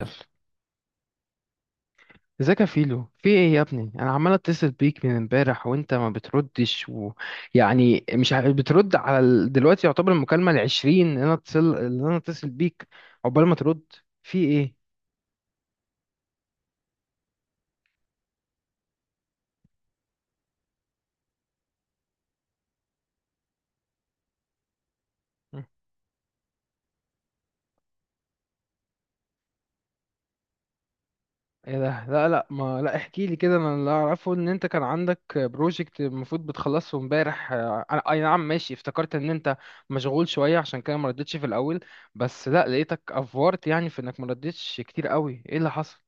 يلا. ازيك يا فيلو؟ في ايه يا ابني، انا عمال اتصل بيك من امبارح وانت ما بتردش، ويعني مش بترد على دلوقتي يعتبر المكالمة العشرين اللي انا اتصل، اللي انا اتصل بيك. عقبال ما ترد. في ايه؟ مم. ايه ده؟ لا احكي لي كده. انا اللي اعرفه ان انت كان عندك بروجكت المفروض بتخلصه امبارح، انا اي نعم ماشي، افتكرت ان انت مشغول شوية عشان كده ما ردتش في الاول. بس لا، لقيتك افورت يعني في انك ما ردتش كتير قوي. ايه اللي حصل؟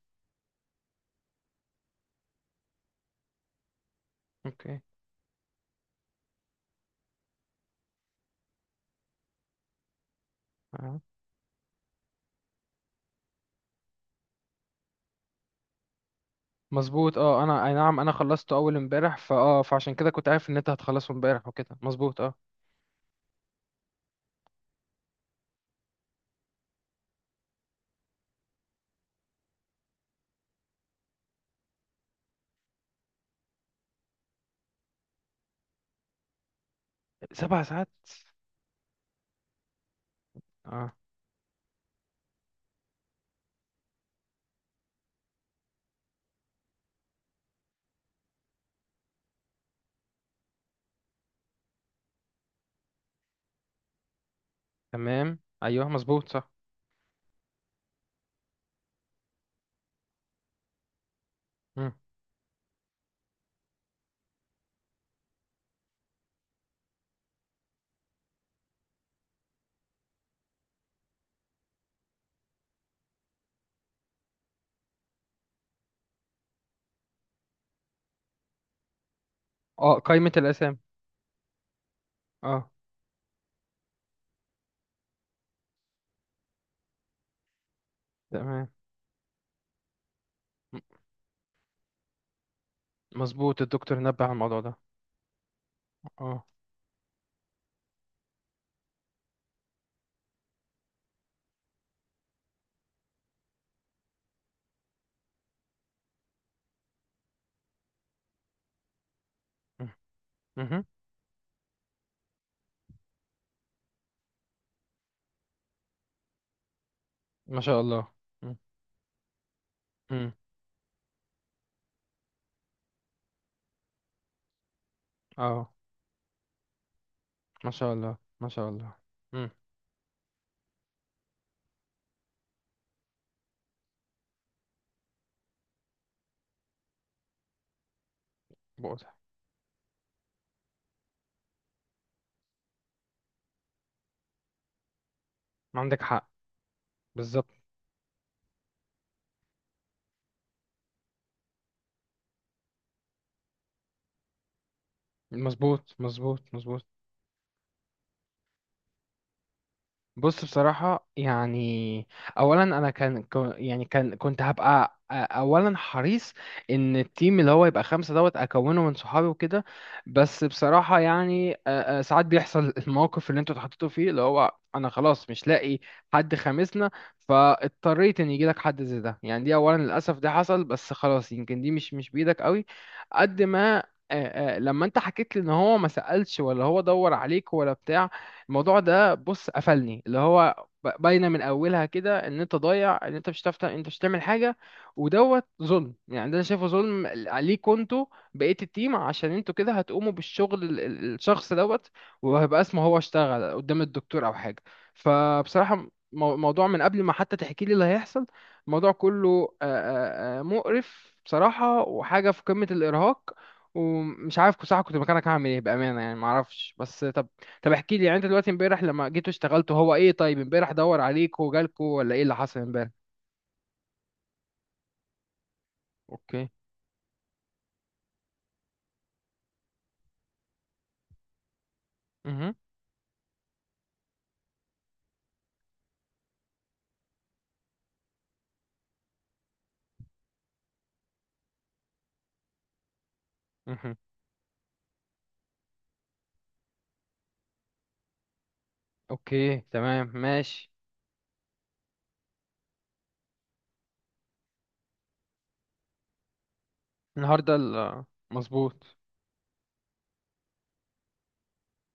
اوكي. آه. مظبوط اه، انا اي نعم انا خلصته اول امبارح، فاه فعشان كده كنت عارف ان انت هتخلصه امبارح وكده، مظبوط اه. سبع ساعات؟ اه. تمام ايوه مظبوط صح. مم. اه، قائمة الاسامي. اه. تمام. م- مظبوط، الدكتور نبه على الموضوع ده. اه. مم. مهم. ما شاء الله. مم. مم. اه. ما شاء الله ما شاء الله. مم. واضح. ما عندك حق. بالظبط. مظبوط مظبوط مظبوط. بص بصراحة يعني، أولا أنا كان كو- يعني كان كنت هبقى أولا حريص إن التيم اللي هو يبقى خمسة دوت أكونه من صحابي وكده. بس بصراحة يعني ساعات بيحصل الموقف اللي أنتوا اتحطيتوا فيه، اللي هو أنا خلاص مش لاقي حد خامسنا، فاضطريت إن يجيلك حد زي ده. يعني دي أولا، للأسف ده حصل، بس خلاص يمكن دي مش بإيدك قوي قد ما أ- لما أنت حكيت لي إن هو ما سألش ولا هو دور عليك ولا بتاع، الموضوع ده بص قفلني، اللي هو باينه من اولها كده ان انت ضايع، ان انت مش هتعرف انت مش هتعمل حاجه. ودوت ظلم، يعني ده انا شايفه ظلم عليكوا انتوا بقيه التيم، عشان انتوا كده هتقوموا بالشغل الشخص دوت وهيبقى اسمه هو اشتغل قدام الدكتور او حاجه. فبصراحه، الموضوع من قبل ما حتى تحكي لي اللي هيحصل، الموضوع كله مقرف بصراحه، وحاجه في قمه الارهاق. ومش عارف بصراحه، كنت مكانك هعمل ايه بامانه؟ يعني معرفش. بس طب، طب احكي لي يعني انت دلوقتي امبارح لما جيتوا اشتغلتوا، هو ايه؟ طيب امبارح دور عليك وجالكوا ولا ايه اللي حصل امبارح؟ اوكي. امم. امم. اوكي تمام ماشي. النهارده ال- مظبوط.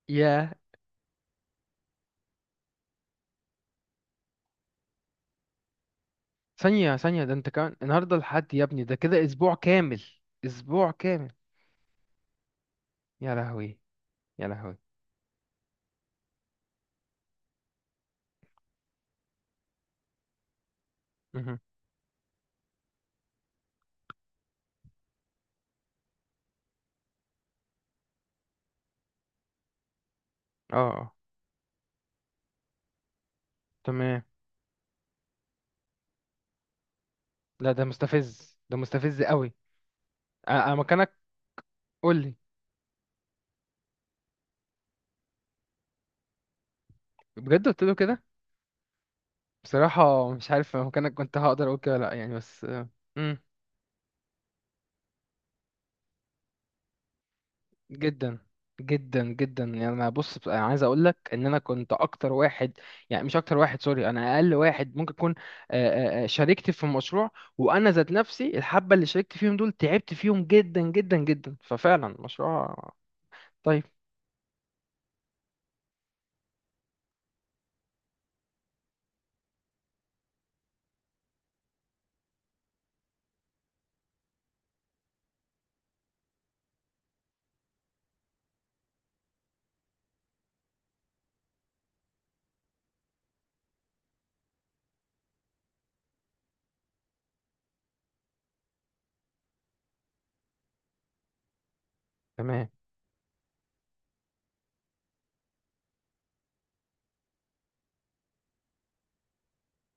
يا، ثانية ثانية، ده انت كمان النهارده الحد يا ابني، ده كده اسبوع كامل. اسبوع كامل. يا لهوي. يا لهوي. مهم. اه. آه، تمام. لا ده مستفز، ده مستفز قوي. انا، أنا مكانك، قول لي. بجد قلت له كده؟ بصراحة مش عارف أنا مكانك كنت هقدر اقول كده ولا لا يعني، بس امم. جدا. جدا جدا، يعني انا بص انا عايز اقول لك ان انا كنت اكتر واحد، يعني مش اكتر واحد، سوري، انا اقل واحد ممكن اكون شاركت في مشروع. وانا ذات نفسي الحبه اللي شاركت فيهم دول تعبت فيهم جدا جدا جدا، ففعلا مشروع. طيب. تمام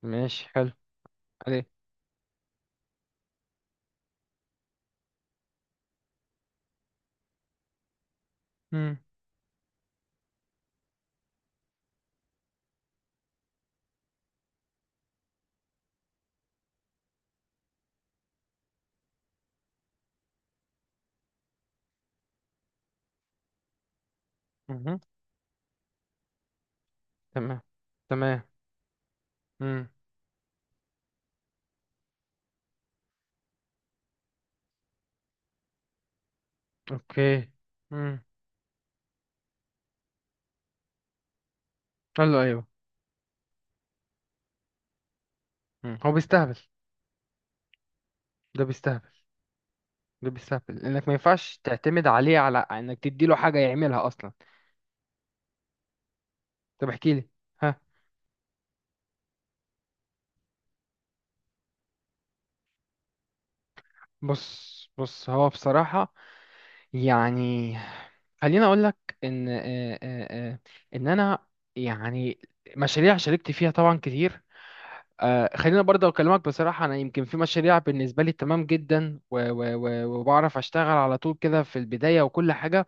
ماشي حلو. عليه. امم. مهم. تمام. تمام. امم. اوكي. امم. حلو ايوه. مم. هو بيستهبل. ده بيستهبل، ده بيستهبل، انك ما ينفعش تعتمد عليه على انك تديله حاجه يعملها اصلا. طب احكي لي. ها. بص بص هو بصراحة يعني، خليني اقول لك ان آه، آه، ان انا يعني مشاريع شاركت فيها طبعا كتير. خلينا برضه اكلمك بصراحة، انا يمكن في مشاريع بالنسبة لي تمام جدا، وبعرف اشتغل على طول كده في البداية وكل حاجة.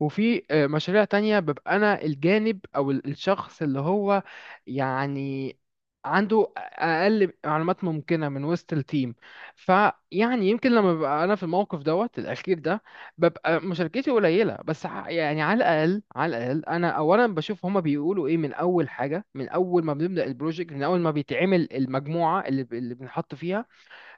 وفي مشاريع تانية ببقى أنا الجانب أو الشخص اللي هو يعني عنده أقل معلومات ممكنة من وسط التيم. فيعني يمكن لما ببقى أنا في الموقف دوت الأخير ده، ببقى مشاركتي قليلة، بس يعني على الأقل على الأقل أنا أولا بشوف هما بيقولوا إيه من أول حاجة، من أول ما بنبدأ البروجكت، من أول ما بيتعمل المجموعة اللي بنحط فيها،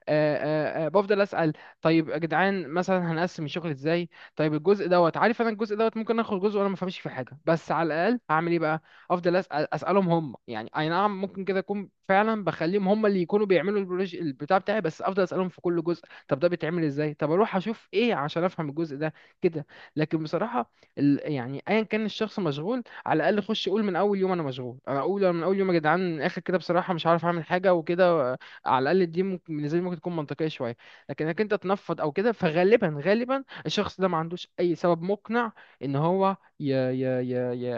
آه، بفضل اسال. طيب يا جدعان مثلا هنقسم الشغل ازاي؟ طيب الجزء دوت، عارف انا الجزء دوت ممكن اخد جزء وانا ما فهمش في حاجه، بس على الاقل هعمل ايه بقى؟ افضل اسال، اسالهم هم. يعني اي نعم، ممكن كده اكون فعلا بخليهم هم اللي يكونوا بيعملوا البروج البتاع بتاعي، بس افضل اسالهم في كل جزء، طب ده بيتعمل ازاي؟ طب اروح اشوف ايه عشان افهم الجزء ده كده. لكن بصراحه يعني ايا كان الشخص مشغول، على الاقل خش قول من اول يوم انا مشغول. انا اقول من اول يوم يا جدعان، من الاخر كده بصراحه مش عارف اعمل حاجه وكده، على الاقل دي ممكن بالنسبه لي ممكن تكون منطقيه شويه. لكن انك انت تنفض او كده، فغالبا غالبا الشخص ده ما عندوش اي سبب مقنع ان هو ي ي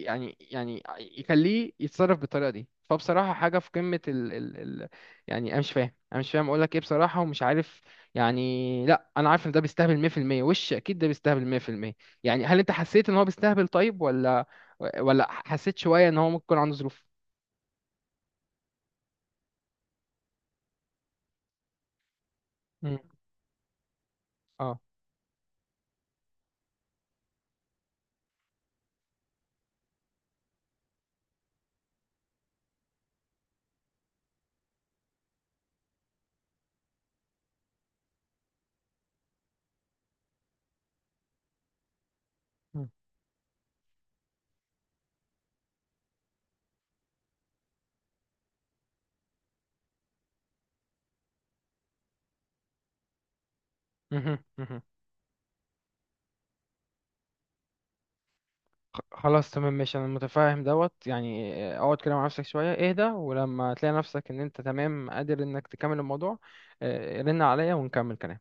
يعني يخليه يتصرف بالطريقه دي. فبصراحه حاجه في قمه ال ال ال يعني انا مش فاهم، انا مش فاهم اقول لك ايه بصراحه، ومش عارف. يعني لا، انا عارف ان ده بيستهبل 100%، وش اكيد ده بيستهبل 100%. يعني هل انت حسيت ان هو بيستهبل طيب، ولا ولا حسيت شويه ان هو ممكن يكون عنده ظروف؟ مم. اه. مم. مهم. مهم. خلاص تمام ماشي، انا متفاهم دوت، يعني اقعد كده مع نفسك شويه اهدى، ولما تلاقي نفسك ان انت تمام قادر انك تكمل الموضوع، رن عليا ونكمل كلام.